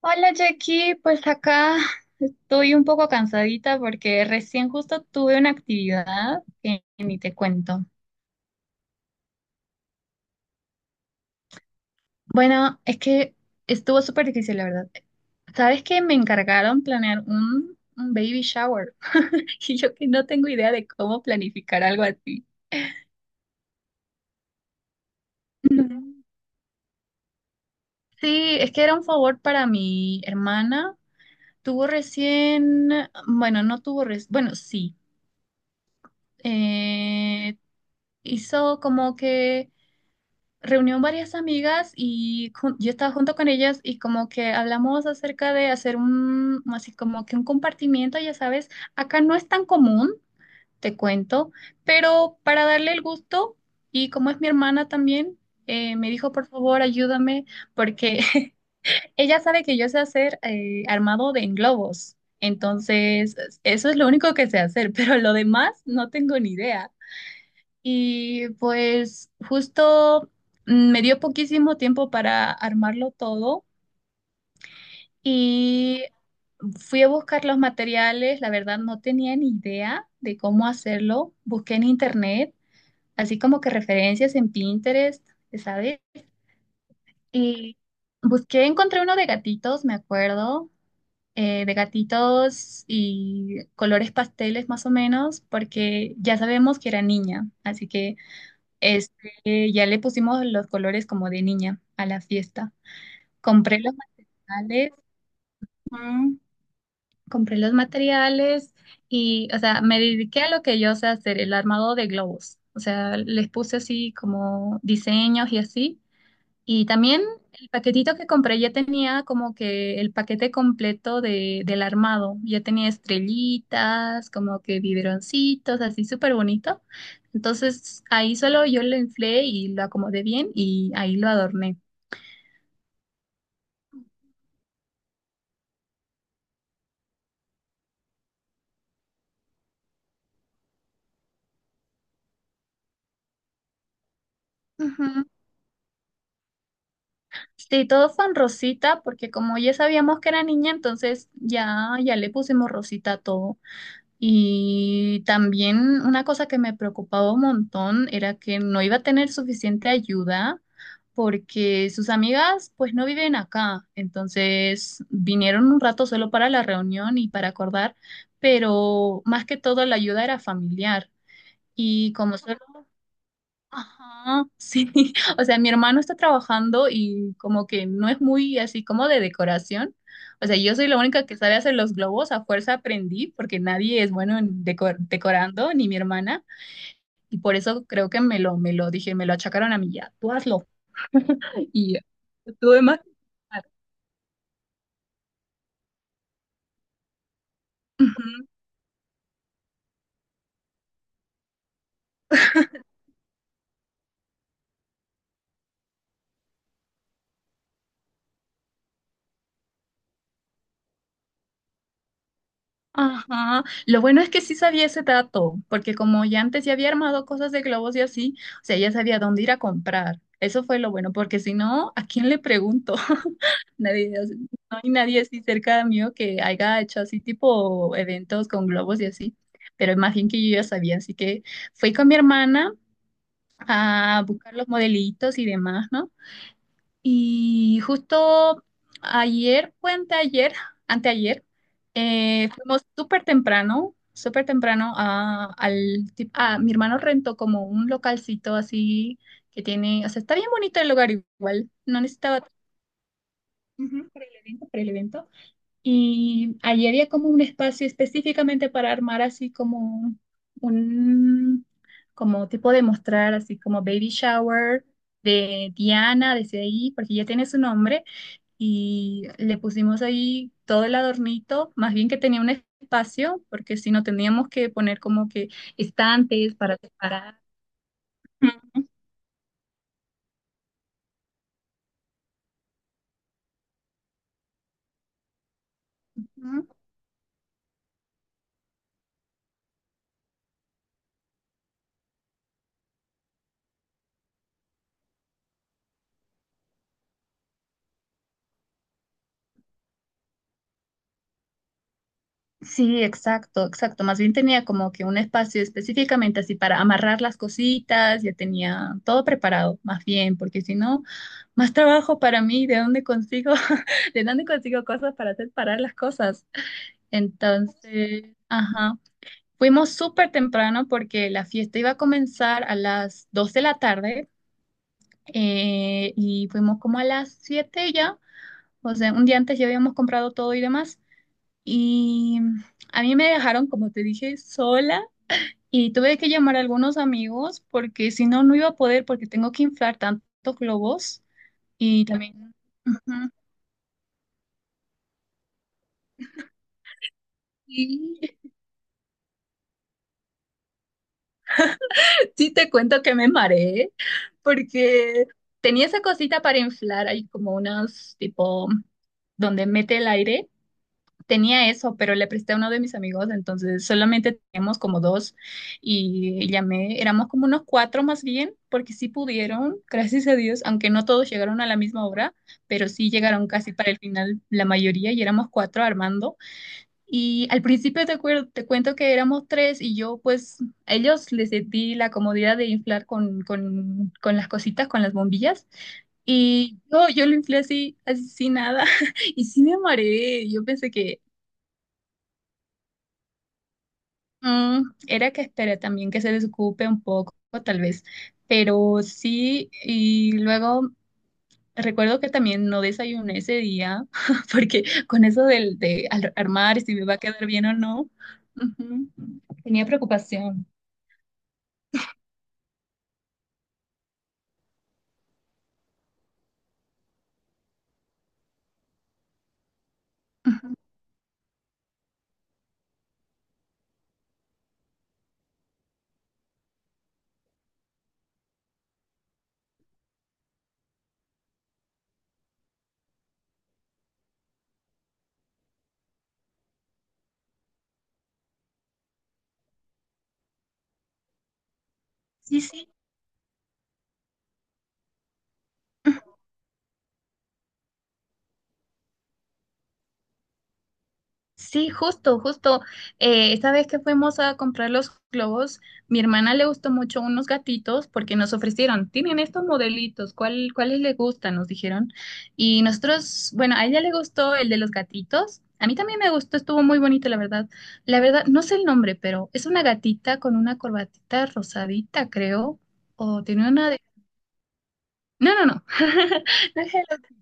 Hola Jackie, pues acá estoy un poco cansadita porque recién justo tuve una actividad que ni te cuento. Bueno, es que estuvo súper difícil, la verdad. ¿Sabes que me encargaron planear un baby shower? Y yo que no tengo idea de cómo planificar algo así. Ujú. Sí, es que era un favor para mi hermana. Tuvo recién, bueno, no tuvo recién, bueno, sí. Eh, Hizo como que reunió varias amigas y yo estaba junto con ellas y como que hablamos acerca de hacer un, así como que un compartimiento, ya sabes, acá no es tan común, te cuento, pero para darle el gusto y como es mi hermana también, me dijo, por favor, ayúdame porque ella sabe que yo sé hacer armado de globos. Entonces, eso es lo único que sé hacer, pero lo demás no tengo ni idea. Y pues justo me dio poquísimo tiempo para armarlo todo y fui a buscar los materiales. La verdad no tenía ni idea de cómo hacerlo. Busqué en internet, así como que referencias en Pinterest, ¿sabes? Y busqué, encontré uno de gatitos, me acuerdo, de gatitos y colores pasteles más o menos, porque ya sabemos que era niña, así que... Este, ya le pusimos los colores como de niña a la fiesta. Compré los materiales, mm, compré los materiales y, o sea, me dediqué a lo que yo sé hacer, el armado de globos. O sea, les puse así como diseños y así. Y también el paquetito que compré ya tenía como que el paquete completo del armado. Ya tenía estrellitas, como que biberoncitos, así súper bonito. Entonces ahí solo yo lo inflé y lo acomodé bien y ahí lo adorné. Ujú. Sí, todo fue en rosita porque como ya sabíamos que era niña, entonces ya, ya le pusimos rosita a todo. Y también una cosa que me preocupaba un montón era que no iba a tener suficiente ayuda porque sus amigas pues no viven acá. Entonces vinieron un rato solo para la reunión y para acordar, pero más que todo la ayuda era familiar. Y como solo ajá, sí, o sea, mi hermano está trabajando y como que no es muy así como de decoración. O sea, yo soy la única que sabe hacer los globos, a fuerza aprendí porque nadie es bueno en decorando, ni mi hermana, y por eso creo que me lo dije, me lo achacaron a mí ya, tú hazlo. Y tuve más. Ujú. Ajá, lo bueno es que sí sabía ese dato, porque como ya antes ya había armado cosas de globos y así, o sea, ya sabía dónde ir a comprar. Eso fue lo bueno, porque si no, ¿a quién le pregunto? Nadie, o sea, no hay nadie así cerca mío que haya hecho así tipo eventos con globos y así, pero más bien que yo ya sabía, así que fui con mi hermana a buscar los modelitos y demás, ¿no? Y justo ayer, fue anteayer, anteayer, fuimos súper temprano a, mi hermano rentó como un localcito así que tiene, o sea, está bien bonito el lugar igual, no necesitaba ujú, para el evento, para el evento. Y allí había como un espacio específicamente para armar así como un, como tipo de mostrar así como baby shower de Diana, desde ahí, porque ya tiene su nombre y le pusimos ahí todo el adornito, más bien que tenía un espacio, porque si no teníamos que poner como que estantes para separar. Ujú. Ujú. Sí, exacto, exacto. Más bien tenía como que un espacio específicamente así para amarrar las cositas, ya tenía todo preparado, más bien, porque si no, más trabajo para mí, ¿de dónde consigo, de dónde consigo cosas para separar las cosas? Entonces, ajá. Fuimos súper temprano porque la fiesta iba a comenzar a las 2 de la tarde y fuimos como a las 7 ya, o sea, un día antes ya habíamos comprado todo y demás. Y a mí me dejaron, como te dije, sola y tuve que llamar a algunos amigos porque si no, no iba a poder porque tengo que inflar tantos globos y también... Ujú. Sí. Sí, te cuento que me mareé porque tenía esa cosita para inflar, hay como unos tipo donde mete el aire. Tenía eso, pero le presté a uno de mis amigos, entonces solamente teníamos como dos y llamé, éramos como unos cuatro más bien, porque sí pudieron, gracias a Dios, aunque no todos llegaron a la misma hora, pero sí llegaron casi para el final la mayoría y éramos cuatro armando. Y al principio te cuento que éramos tres y yo pues a ellos les di la comodidad de inflar con las cositas, con las bombillas. Y yo lo inflé así, así sin nada. Y sí me mareé. Yo pensé que era que esperé también que se desocupe un poco, tal vez. Pero sí, y luego recuerdo que también no desayuné ese día, porque con eso de armar si me va a quedar bien o no, ujú, tenía preocupación. Sí, sí, sí, justo, justo. Esta vez que fuimos a comprar los globos, mi hermana le gustó mucho unos gatitos porque nos ofrecieron, tienen estos modelitos, cuáles le gustan? Nos dijeron. Y nosotros, bueno, a ella le gustó el de los gatitos. A mí también me gustó, estuvo muy bonito, la verdad. La verdad, no sé el nombre, pero es una gatita con una corbatita rosadita, creo. O tiene una de... No, no, no. No es el otro,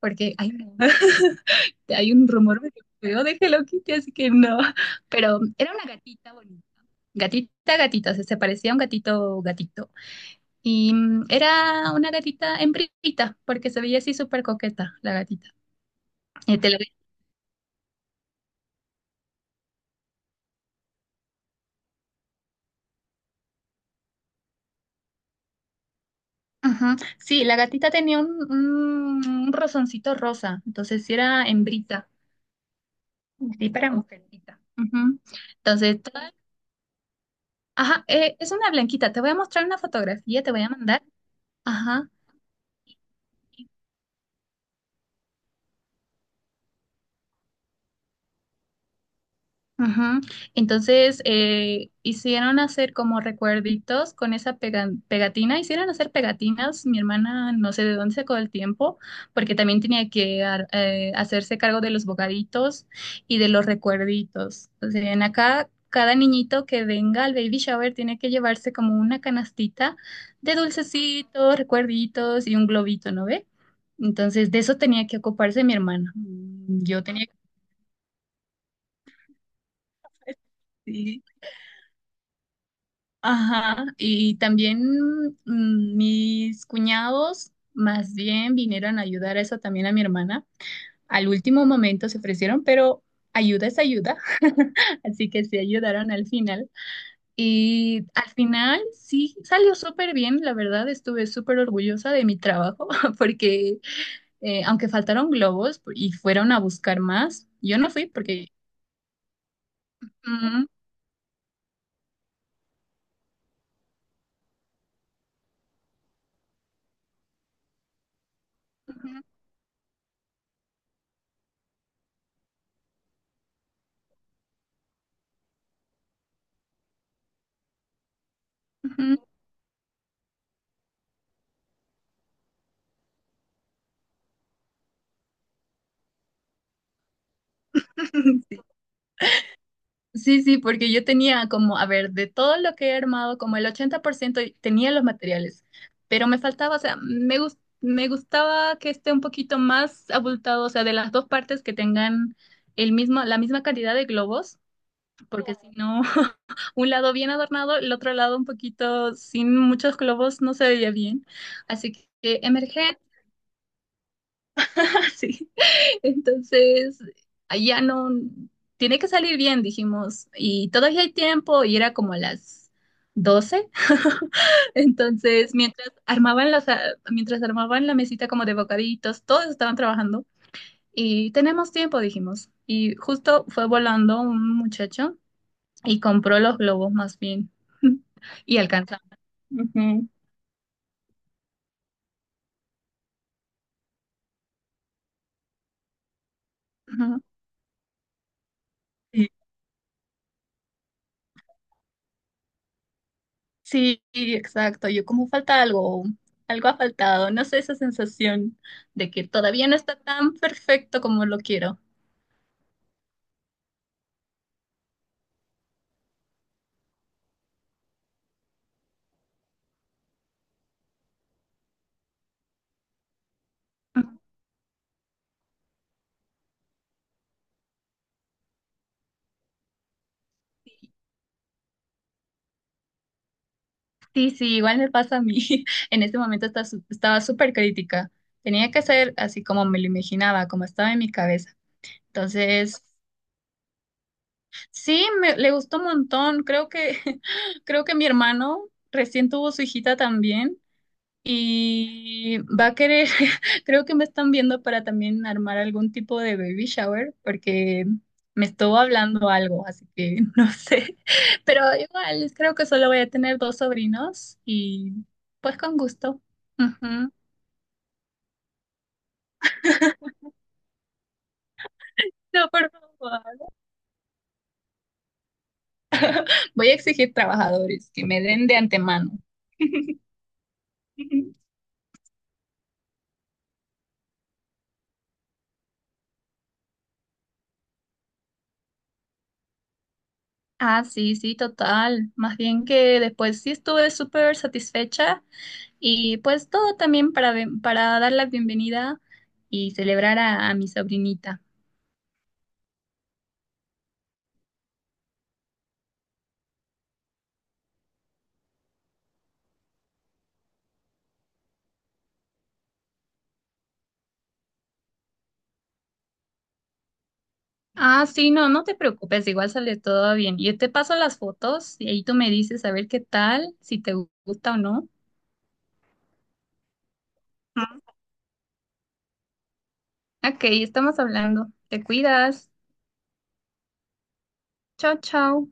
porque... ay, no. Hay un rumor medio feo de Hello Kitty, así que no. Pero era una gatita bonita. Gatita, gatita, o sea, se parecía a un gatito, gatito. Y era una gatita hembrita, porque se veía así súper coqueta la gatita. Y te la ve- ajá. Sí, la gatita tenía un rosoncito rosa, entonces sí era hembrita. Sí, para mujercita. Ujú. Entonces, toda- ajá, es una blanquita. Te voy a mostrar una fotografía, te voy a mandar. Ajá. Ujú. Entonces, hicieron hacer como recuerditos con esa pegatina, hicieron hacer pegatinas, mi hermana no sé de dónde sacó el tiempo, porque también tenía que hacerse cargo de los bocaditos y de los recuerditos. O sea, en acá, cada niñito que venga al baby shower tiene que llevarse como una canastita de dulcecitos, recuerditos y un globito, ¿no ve? Entonces, de eso tenía que ocuparse mi hermana. Yo tenía que... Ajá, y también mis cuñados más bien vinieron a ayudar a eso también a mi hermana. Al último momento se ofrecieron, pero ayuda es ayuda, así que sí ayudaron al final. Y al final sí salió súper bien, la verdad estuve súper orgullosa de mi trabajo porque aunque faltaron globos y fueron a buscar más, yo no fui porque... Ujú, ujú, ujú. Sí, sí, porque yo tenía como, a ver, de todo lo que he armado, como el 80% y tenía los materiales, pero me faltaba, o sea, me gustaba que esté un poquito más abultado, o sea, de las dos partes que tengan el mismo, la misma cantidad de globos, porque si no, un lado bien adornado, el otro lado un poquito sin muchos globos no se veía bien. Así que emergé, sí. Entonces, ya no, tiene que salir bien, dijimos, y todavía hay tiempo, y era como las doce. Entonces, mientras armaban mientras armaban la mesita como de bocaditos, todos estaban trabajando, y tenemos tiempo, dijimos. Y justo fue volando un muchacho y compró los globos más bien, y alcanzamos. Ujú, ujú. Sí, exacto. Yo como falta algo, algo ha faltado. No sé, esa sensación de que todavía no está tan perfecto como lo quiero. Sí, sí, igual me pasa a mí. En ese momento está estaba súper crítica. Tenía que ser así como me lo imaginaba, como estaba en mi cabeza. Entonces, sí, le gustó un montón. Creo que, creo que mi hermano recién tuvo su hijita también y va a querer, creo que me están viendo para también armar algún tipo de baby shower, porque me estuvo hablando algo, así que no sé. Pero igual, creo que solo voy a tener dos sobrinos y pues con gusto. Ujú. No, por favor. Voy a exigir trabajadores que me den de antemano. Ah, sí, sí, total. Más bien que después sí estuve súper satisfecha y pues todo también para dar la bienvenida y celebrar a mi sobrinita. Ah, sí, no, no te preocupes, igual sale todo bien. Yo te paso las fotos y ahí tú me dices a ver qué tal, si te gusta o no. Ujú. Ok, estamos hablando. Te cuidas. Chao, chao.